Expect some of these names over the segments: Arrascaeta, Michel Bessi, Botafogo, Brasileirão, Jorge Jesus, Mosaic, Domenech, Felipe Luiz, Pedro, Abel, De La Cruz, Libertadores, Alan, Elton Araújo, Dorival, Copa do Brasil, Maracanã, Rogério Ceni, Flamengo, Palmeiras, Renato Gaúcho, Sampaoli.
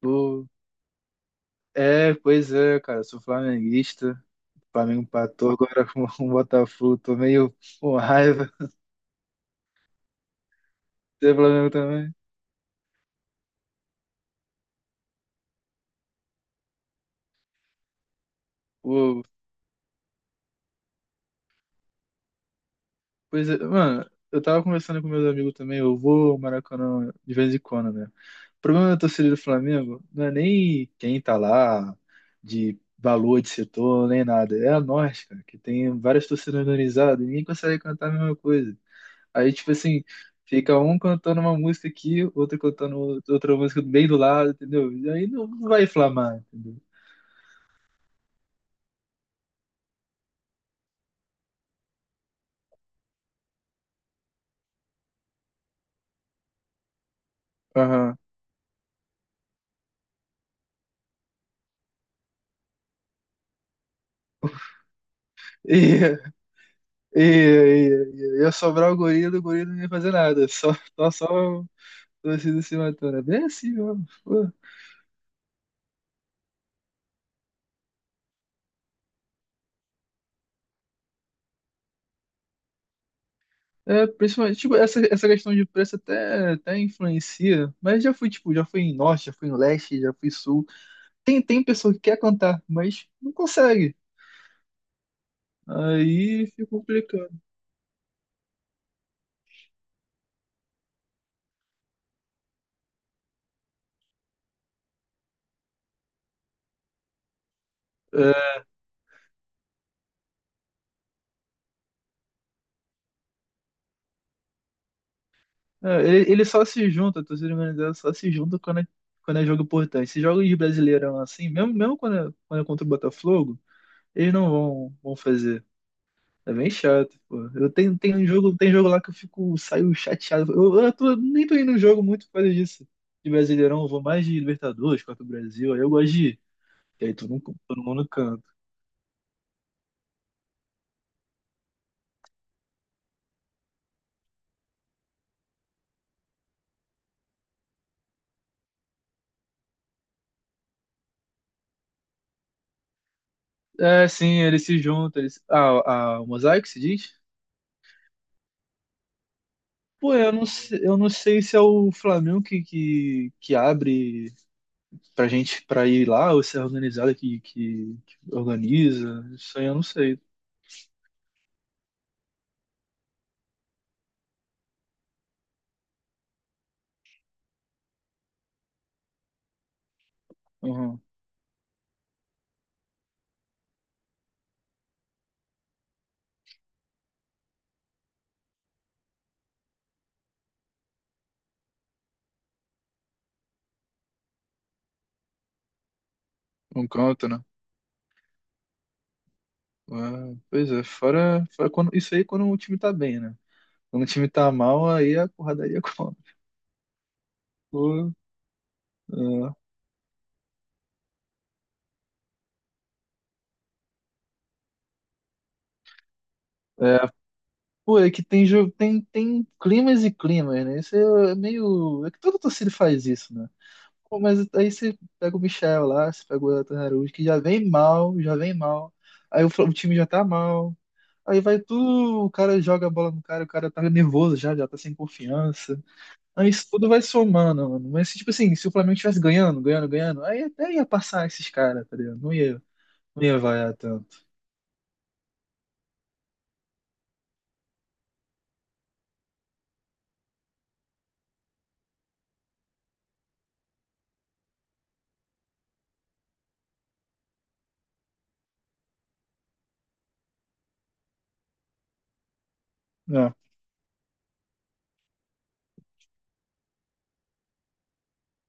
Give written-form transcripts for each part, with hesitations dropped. Pô, é, pois é, cara, sou flamenguista. Flamengo empatou agora com o Botafogo, tô meio com raiva. Você é Flamengo também? Pô, pois é, mano, eu tava conversando com meus amigos também, eu vou ao Maracanã de vez em quando, né? O problema da torcida do Flamengo não é nem quem tá lá, de valor de setor, nem nada. É a nós, cara, que tem várias torcidas organizadas e ninguém consegue cantar a mesma coisa. Aí, tipo assim, fica um cantando uma música aqui, outro cantando outra música bem do lado, entendeu? E aí não vai inflamar, entendeu? Aham. E, e, e ia sobrar o gorila não ia fazer nada, só torcida se matando. É bem assim mesmo, pô. É, principalmente, tipo, essa questão de preço até, até influencia, mas já fui, tipo, já fui em norte, já fui em leste, já fui em sul. Tem pessoa que quer cantar, mas não consegue. Aí fica complicado. É, ele só se junta, a torcida organizada só se junta quando é jogo importante. Esses jogos de Brasileirão assim, mesmo quando é contra o Botafogo, eles não vão fazer. É bem chato, pô. Tenho um jogo, tem jogo lá que eu fico, saio chateado. Eu nem tô indo no jogo muito por causa disso. De Brasileirão, eu vou mais de Libertadores, Copa do Brasil, aí eu gosto de ir. E aí todo mundo canta. É, sim, eles se juntam. Eles... Ah, a, o Mosaic se diz? Pô, eu não, eu não sei se é o Flamengo que abre pra gente pra ir lá, ou se é a organizada que organiza, isso aí eu não sei. Uhum. Não conta, né? Ah, pois é, fora quando, isso aí é quando o time tá bem, né? Quando o time tá mal, aí a porradaria conta. Pô, é, é, pô, é que tem jogo, tem climas e climas, né? Isso é meio. É que toda torcida faz isso, né? Pô, mas aí você pega o Michel lá, você pega o Elton Araújo, que já vem mal, já vem mal. Aí o, o time já tá mal. Aí vai tu, o cara joga a bola no cara, o cara tá nervoso já, já tá sem confiança. Aí isso tudo vai somando, mano. Mas, tipo assim, se o Flamengo estivesse ganhando, aí até ia passar esses caras, tá ligado? Não ia vaiar tanto.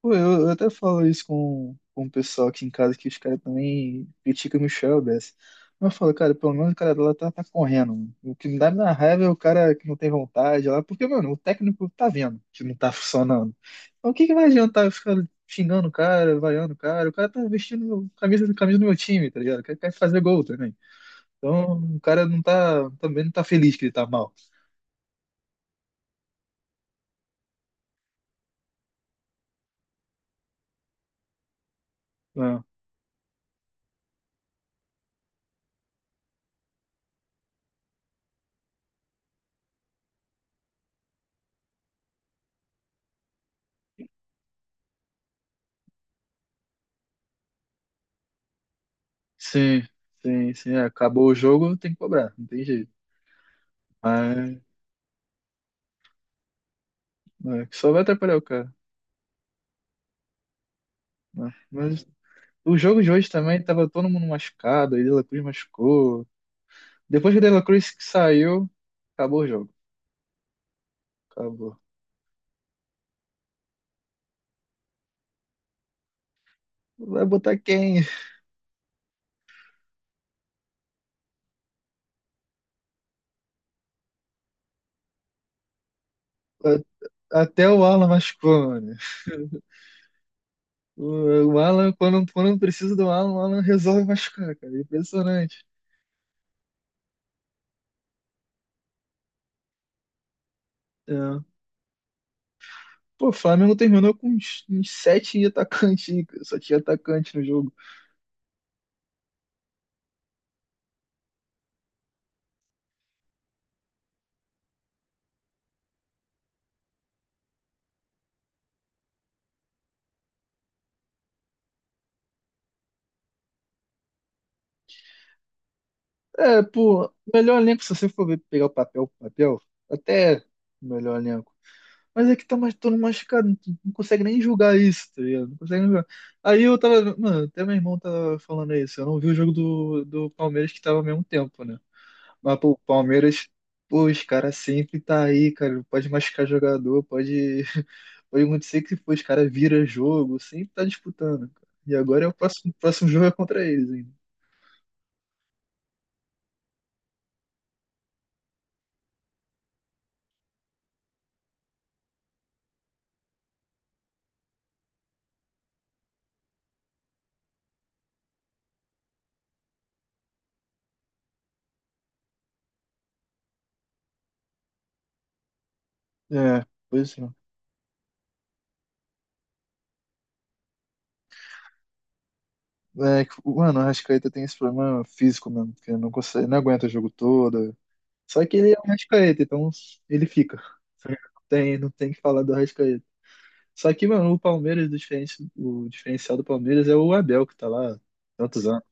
Pô, eu até falo isso com o pessoal aqui em casa, que os caras também criticam o Michel Bessi. Mas eu falo, cara, pelo menos o cara lá tá correndo, mano. O que me dá na raiva é o cara que não tem vontade lá, porque, mano, o técnico tá vendo que não tá funcionando. Então o que que vai adiantar eu ficar xingando o cara, vaiando o cara? O cara tá vestindo camisa do meu time, tá ligado? Quer fazer gol também. Então o cara não tá, também não tá feliz que ele tá mal. Ah, sim, sim, sim. É, acabou o jogo, tem que cobrar, não tem jeito. Né, que só vai atrapalhar o cara. Né. Mas o jogo de hoje também tava todo mundo machucado, aí De La Cruz machucou. Depois que o De La Cruz saiu, acabou o jogo. Acabou. Vai botar quem? A- Até o Alan machucou, mano. O Alan, quando precisa do Alan, o Alan resolve machucar, cara. Impressionante. É. Pô, o Flamengo terminou com uns 7 atacantes, hein, cara. Só tinha atacante no jogo. É, pô, melhor elenco, se você for pegar o papel, até melhor elenco. Mas é que tá mais todo machucado, tu não consegue nem julgar isso, tá ligado? Não consegue nem julgar. Aí eu tava, mano, até meu irmão tava falando isso. Eu não vi o jogo do Palmeiras que tava ao mesmo tempo, né? Mas, pô, o Palmeiras, pô, os caras sempre tá aí, cara. Pode machucar jogador, pode, pode acontecer que pô, os caras vira jogo, sempre tá disputando, cara. E agora é o próximo jogo é contra eles ainda. É, pois é. É, que, mano, o Arrascaeta tem esse problema físico mesmo, porque não consegue, não aguenta o jogo todo. Só que ele é o Arrascaeta, então ele fica. Não não tem que falar do Arrascaeta. Só que, mano, o Palmeiras, o o diferencial do Palmeiras é o Abel, que tá lá há tantos anos.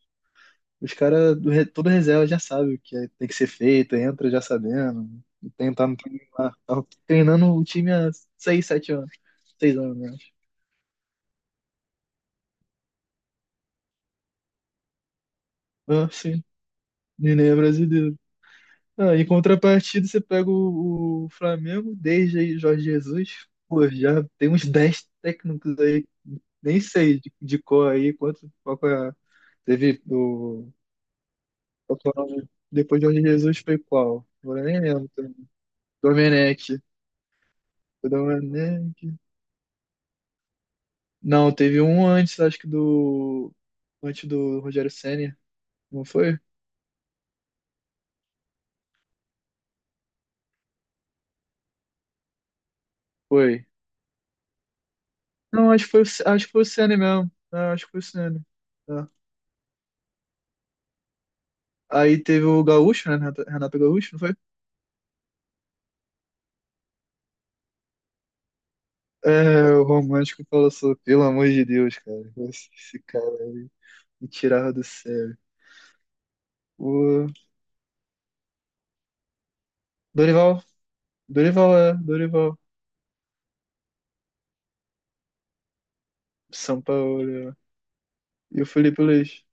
Os caras, toda reserva já sabe o que tem que ser feito, entra já sabendo. E tentar não treinar. Tava treinando o time há 6, 7 anos. 6 anos, né? Ah, sim. Nenê é brasileiro. Ah, em contrapartida, você pega o Flamengo, desde aí Jorge Jesus. Pô, já tem uns 10 técnicos aí, nem sei de cor aí quanto qual teve o qual que é o nome depois de Jorge Jesus foi qual? Agora nem lembro também. Domenech. Foi Domenech. Não, teve um antes, acho que do antes do Rogério Ceni, não foi? Foi. Não, acho que foi o acho que foi o Ceni mesmo. É, acho que foi o Ceni. É. Aí teve o Gaúcho, né? Renato Gaúcho, não foi? É, o romântico falou assim, pelo amor de Deus, cara. Esse cara aí me tirava do sério. O Dorival, Dorival é, Dorival, Sampaoli e o Felipe Luiz.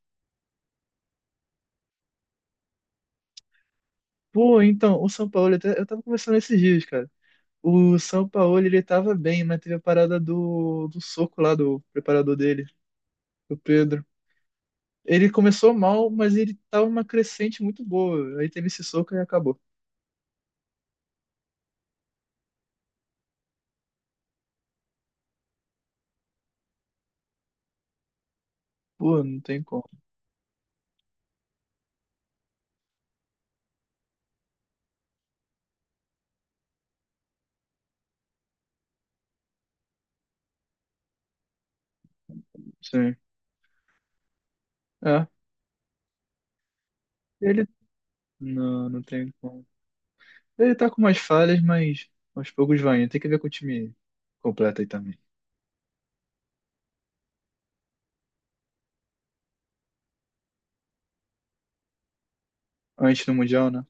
Pô, então, o Sampaoli, até- eu tava conversando esses dias, cara. O Sampaoli, ele tava bem, mas teve a parada do soco lá do preparador dele, do Pedro. Ele começou mal, mas ele tava uma crescente muito boa. Aí teve esse soco e acabou. Pô, não tem como. Sim. É, ele. Não, não tem como. Ele tá com umas falhas, mas aos poucos vai indo. Tem que ver com o time completo aí também. Antes do Mundial, né?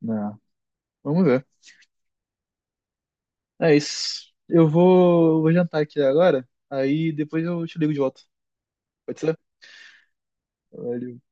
Não. Vamos ver. É isso. Vou jantar aqui agora, aí depois eu te ligo de volta. Pode ser?